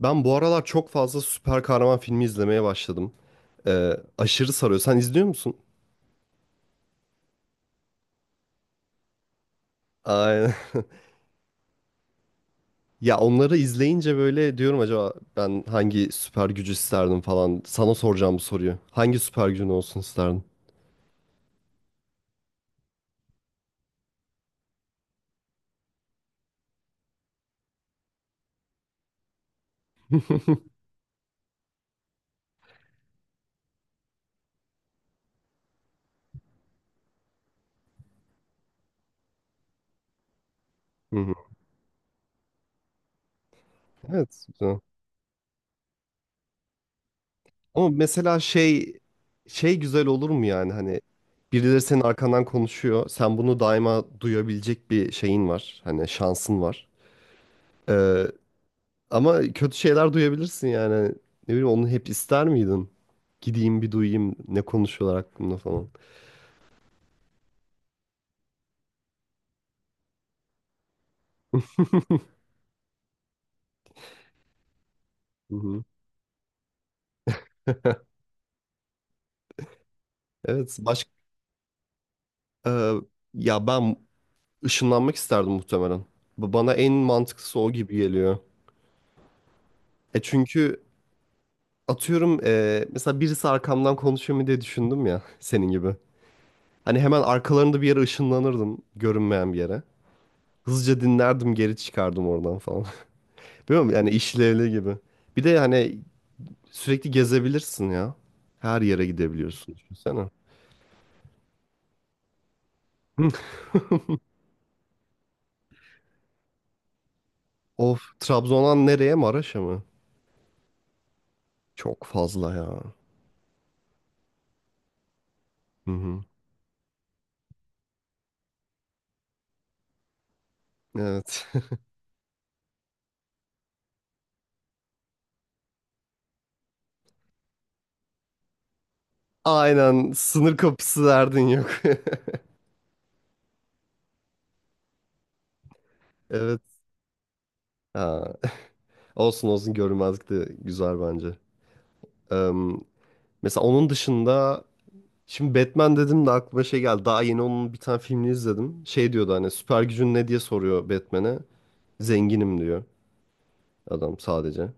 Ben bu aralar çok fazla süper kahraman filmi izlemeye başladım. Aşırı sarıyor. Sen izliyor musun? Aynen. Ya onları izleyince böyle diyorum acaba ben hangi süper gücü isterdim falan. Sana soracağım bu soruyu. Hangi süper gücün olsun isterdin? Hı hı. Evet, güzel. Ama mesela şey güzel olur mu yani hani birileri senin arkandan konuşuyor. Sen bunu daima duyabilecek bir şeyin var. Hani şansın var. Ee, Ama kötü şeyler duyabilirsin yani. Ne bileyim onu hep ister miydin? Gideyim bir duyayım ne konuşuyorlar hakkında falan. Hı hı. Evet, başka ya ben ışınlanmak isterdim muhtemelen. Bana en mantıklısı o gibi geliyor. E çünkü atıyorum mesela birisi arkamdan konuşuyor mu diye düşündüm ya senin gibi. Hani hemen arkalarında bir yere ışınlanırdım görünmeyen bir yere. Hızlıca dinlerdim geri çıkardım oradan falan. Biliyor musun? Yani işlevli gibi. Bir de hani sürekli gezebilirsin ya. Her yere gidebiliyorsun. Düşünsene. Hı. Of. Trabzon'dan nereye? Maraş'a mı? Çok fazla ya. Hı hı. Evet. Aynen. Sınır kapısı derdin yok. Evet. Ha. Olsun olsun görünmezlik de güzel bence. Eee, Mesela onun dışında şimdi Batman dedim de aklıma şey geldi. Daha yeni onun bir tane filmini izledim. Şey diyordu hani süper gücün ne diye soruyor Batman'e. Zenginim diyor adam sadece.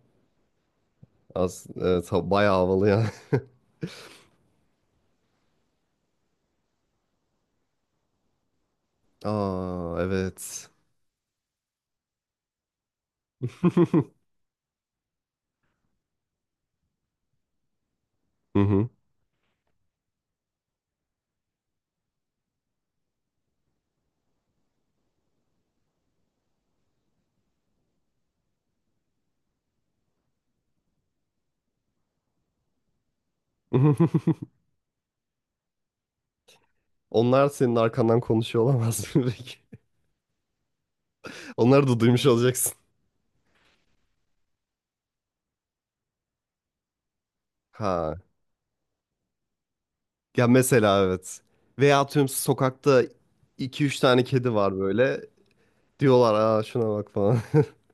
Az, evet, bayağı havalı yani. Aa evet. Hı hı. Onlar senin arkandan konuşuyor olamaz mı peki? Onları da duymuş olacaksın. Ha. Ya mesela evet. Veya atıyorum sokakta iki üç tane kedi var böyle. Diyorlar aa şuna bak falan.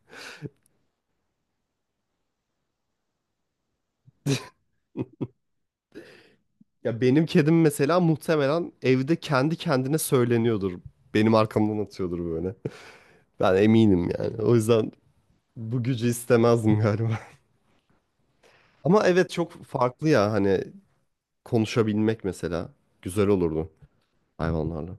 Ya benim kedim mesela muhtemelen evde kendi kendine söyleniyordur. Benim arkamdan atıyordur böyle. Ben eminim yani. O yüzden bu gücü istemezdim galiba. Ama evet çok farklı ya hani konuşabilmek mesela güzel olurdu hayvanlarla.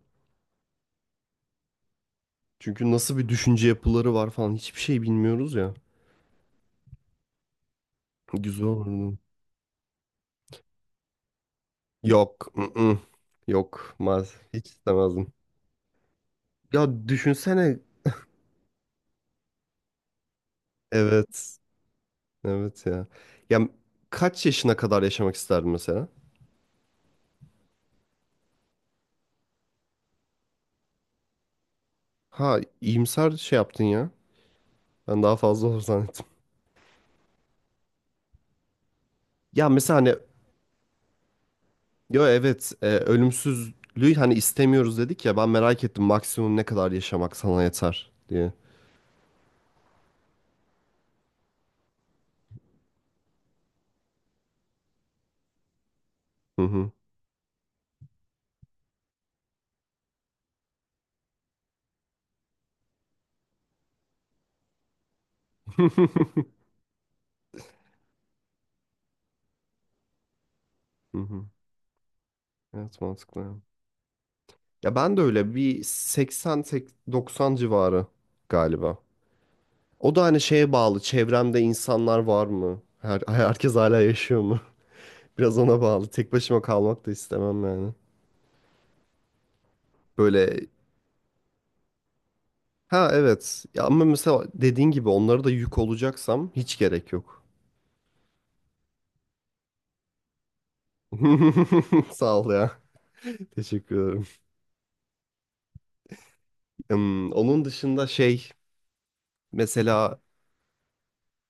Çünkü nasıl bir düşünce yapıları var falan hiçbir şey bilmiyoruz ya. Güzel olurdu. Yok. I-ı. Yok. Maz. Hiç istemezdim. Ya düşünsene. Evet. Evet ya. Ya kaç yaşına kadar yaşamak isterdin mesela? Ha iyimser şey yaptın ya. Ben daha fazla olur zannettim. Ya mesela hani yo evet ölümsüzlüğü hani istemiyoruz dedik ya ben merak ettim maksimum ne kadar yaşamak sana yeter diye. Hı hı. Hı hı. Evet mantıklı. Ya ben de öyle bir 80-90 civarı galiba. O da hani şeye bağlı. Çevremde insanlar var mı? Her, herkes hala yaşıyor mu? Biraz ona bağlı. Tek başıma kalmak da istemem yani. Böyle ha evet. Ya ama mesela dediğin gibi onlara da yük olacaksam hiç gerek yok. Sağ ol ya. Teşekkür ederim. Hmm, onun dışında şey mesela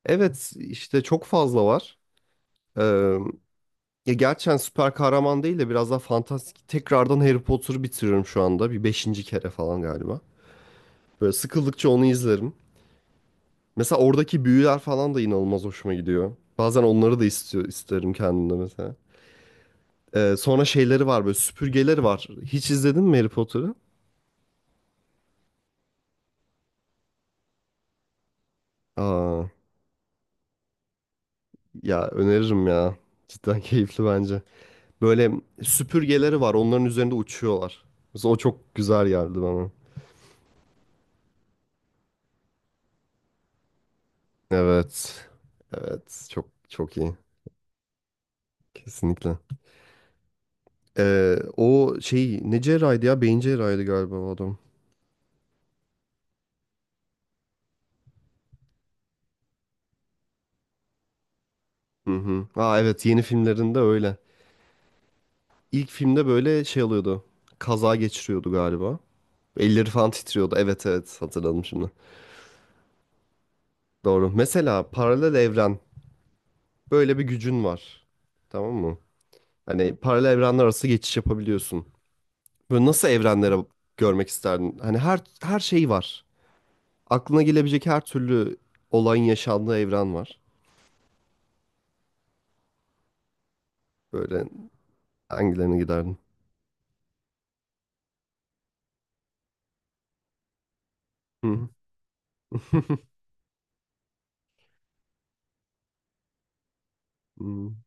evet işte çok fazla var. Ya gerçekten süper kahraman değil de biraz daha fantastik. Tekrardan Harry Potter'ı bitiriyorum şu anda. Bir beşinci kere falan galiba. Böyle sıkıldıkça onu izlerim. Mesela oradaki büyüler falan da inanılmaz hoşuma gidiyor. Bazen onları da istiyor, isterim kendimde mesela. Sonra şeyleri var böyle süpürgeleri var. Hiç izledin mi Harry Potter'ı? Aa, ya öneririm ya. Cidden keyifli bence. Böyle süpürgeleri var onların üzerinde uçuyorlar. Mesela o çok güzel geldi bana. Evet. Evet çok çok iyi. Kesinlikle. O şey ne cerrahiydi ya? Beyin cerrahiydi galiba o adam. Hı hı. Aa evet yeni filmlerinde öyle. İlk filmde böyle şey alıyordu. Kaza geçiriyordu galiba. Elleri falan titriyordu. Evet evet hatırladım şimdi. Doğru. Mesela paralel evren. Böyle bir gücün var. Tamam mı? Hani paralel evrenler arası geçiş yapabiliyorsun. Böyle nasıl evrenlere görmek isterdin? Hani her şey var. Aklına gelebilecek her türlü olayın yaşandığı evren var. Böyle hangilerine giderdin? Hı Hmm.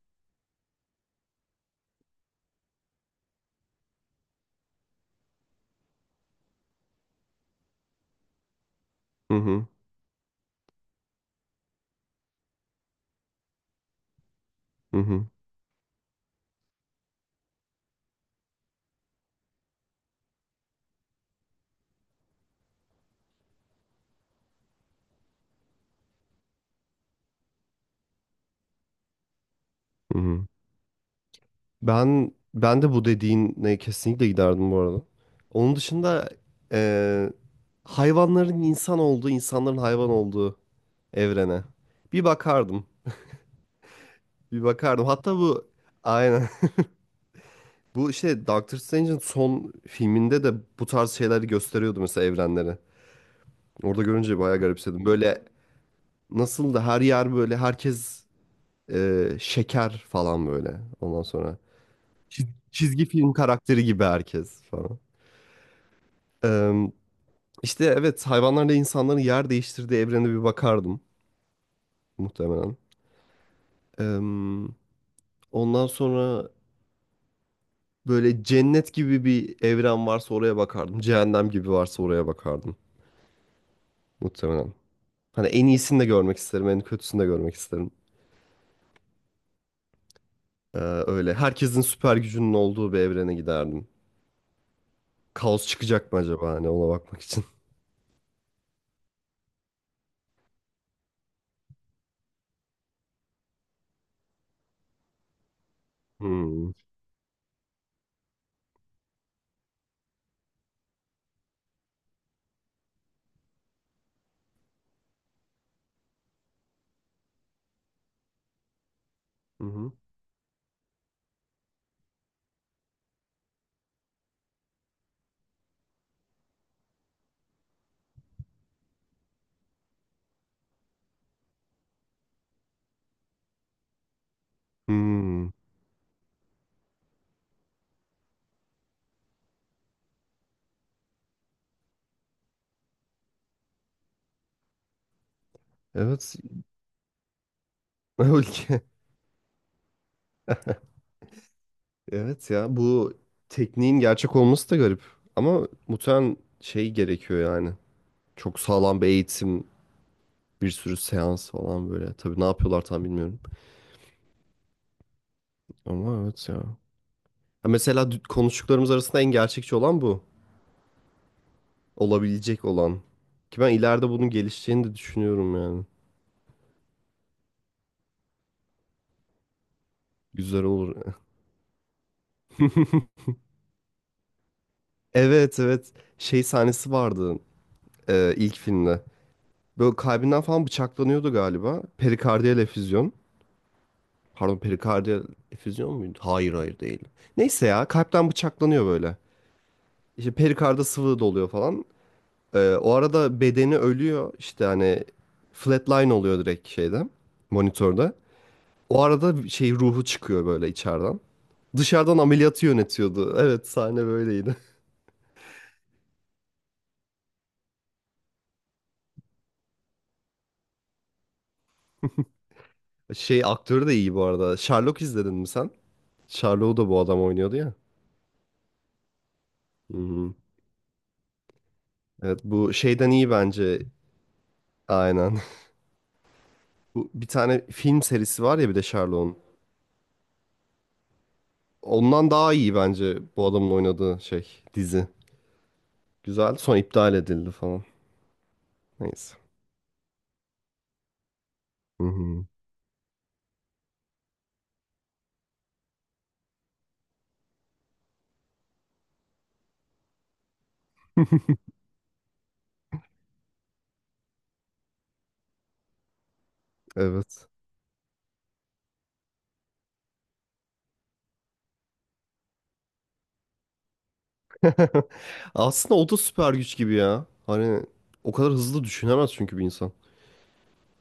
Hı hı hı hı hı. Hı. Ben de bu dediğine kesinlikle giderdim bu arada. Onun dışında eee, hayvanların insan olduğu, insanların hayvan olduğu evrene bir bakardım. Bir bakardım. Hatta bu aynen bu işte Doctor Strange'in son filminde de bu tarz şeyleri gösteriyordu mesela evrenleri. Orada görünce bayağı garipsedim. Böyle nasıl da her yer böyle herkes şeker falan böyle. Ondan sonra çizgi film karakteri gibi herkes falan. Eee işte evet hayvanlarla insanların yer değiştirdiği evrene bir bakardım muhtemelen. Eee, Ondan sonra böyle cennet gibi bir evren varsa oraya bakardım. Cehennem gibi varsa oraya bakardım muhtemelen. Hani en iyisini de görmek isterim, en kötüsünü de görmek isterim. Eee, Öyle herkesin süper gücünün olduğu bir evrene giderdim. Kaos çıkacak mı acaba hani ona bakmak için. Hmm. Hı hı. Hmm. Evet. Öyle. Evet ya bu tekniğin gerçek olması da garip. Ama muhtemelen şey gerekiyor yani. Çok sağlam bir eğitim, bir sürü seans falan böyle. Tabii ne yapıyorlar tam bilmiyorum. Ama evet ya. Ha mesela konuştuklarımız arasında en gerçekçi olan bu. Olabilecek olan. Ki ben ileride bunun gelişeceğini de düşünüyorum yani. Güzel olur. Evet evet. Şey sahnesi vardı ilk filmde. Böyle kalbinden falan bıçaklanıyordu galiba. Perikardiyal efüzyon. Pardon perikardiyal efüzyon muydu? Hayır hayır değil. Neyse ya kalpten bıçaklanıyor böyle. İşte perikarda sıvı doluyor falan. O arada bedeni ölüyor. İşte hani flatline oluyor direkt şeyde monitörde. O arada şey ruhu çıkıyor böyle içeriden. Dışarıdan ameliyatı yönetiyordu. Evet sahne böyleydi. Şey aktörü de iyi bu arada. Sherlock izledin mi sen? Sherlock'u da bu adam oynuyordu ya. Hı-hı. Evet bu şeyden iyi bence. Aynen. Bu bir tane film serisi var ya bir de Sherlock'un. Ondan daha iyi bence bu adamın oynadığı şey dizi. Güzel. Sonra iptal edildi falan. Neyse. Hı hı. Evet. Aslında o da süper güç gibi ya. Hani o kadar hızlı düşünemez çünkü bir insan.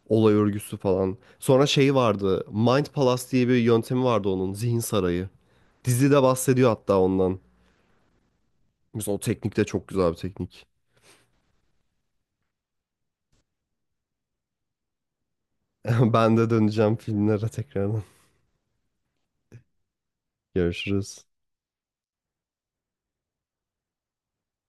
Olay örgüsü falan. Sonra şey vardı. Mind Palace diye bir yöntemi vardı onun. Zihin sarayı. Dizide bahsediyor hatta ondan. Mesela o teknik de çok güzel bir teknik. Ben de döneceğim filmlere tekrardan. Görüşürüz.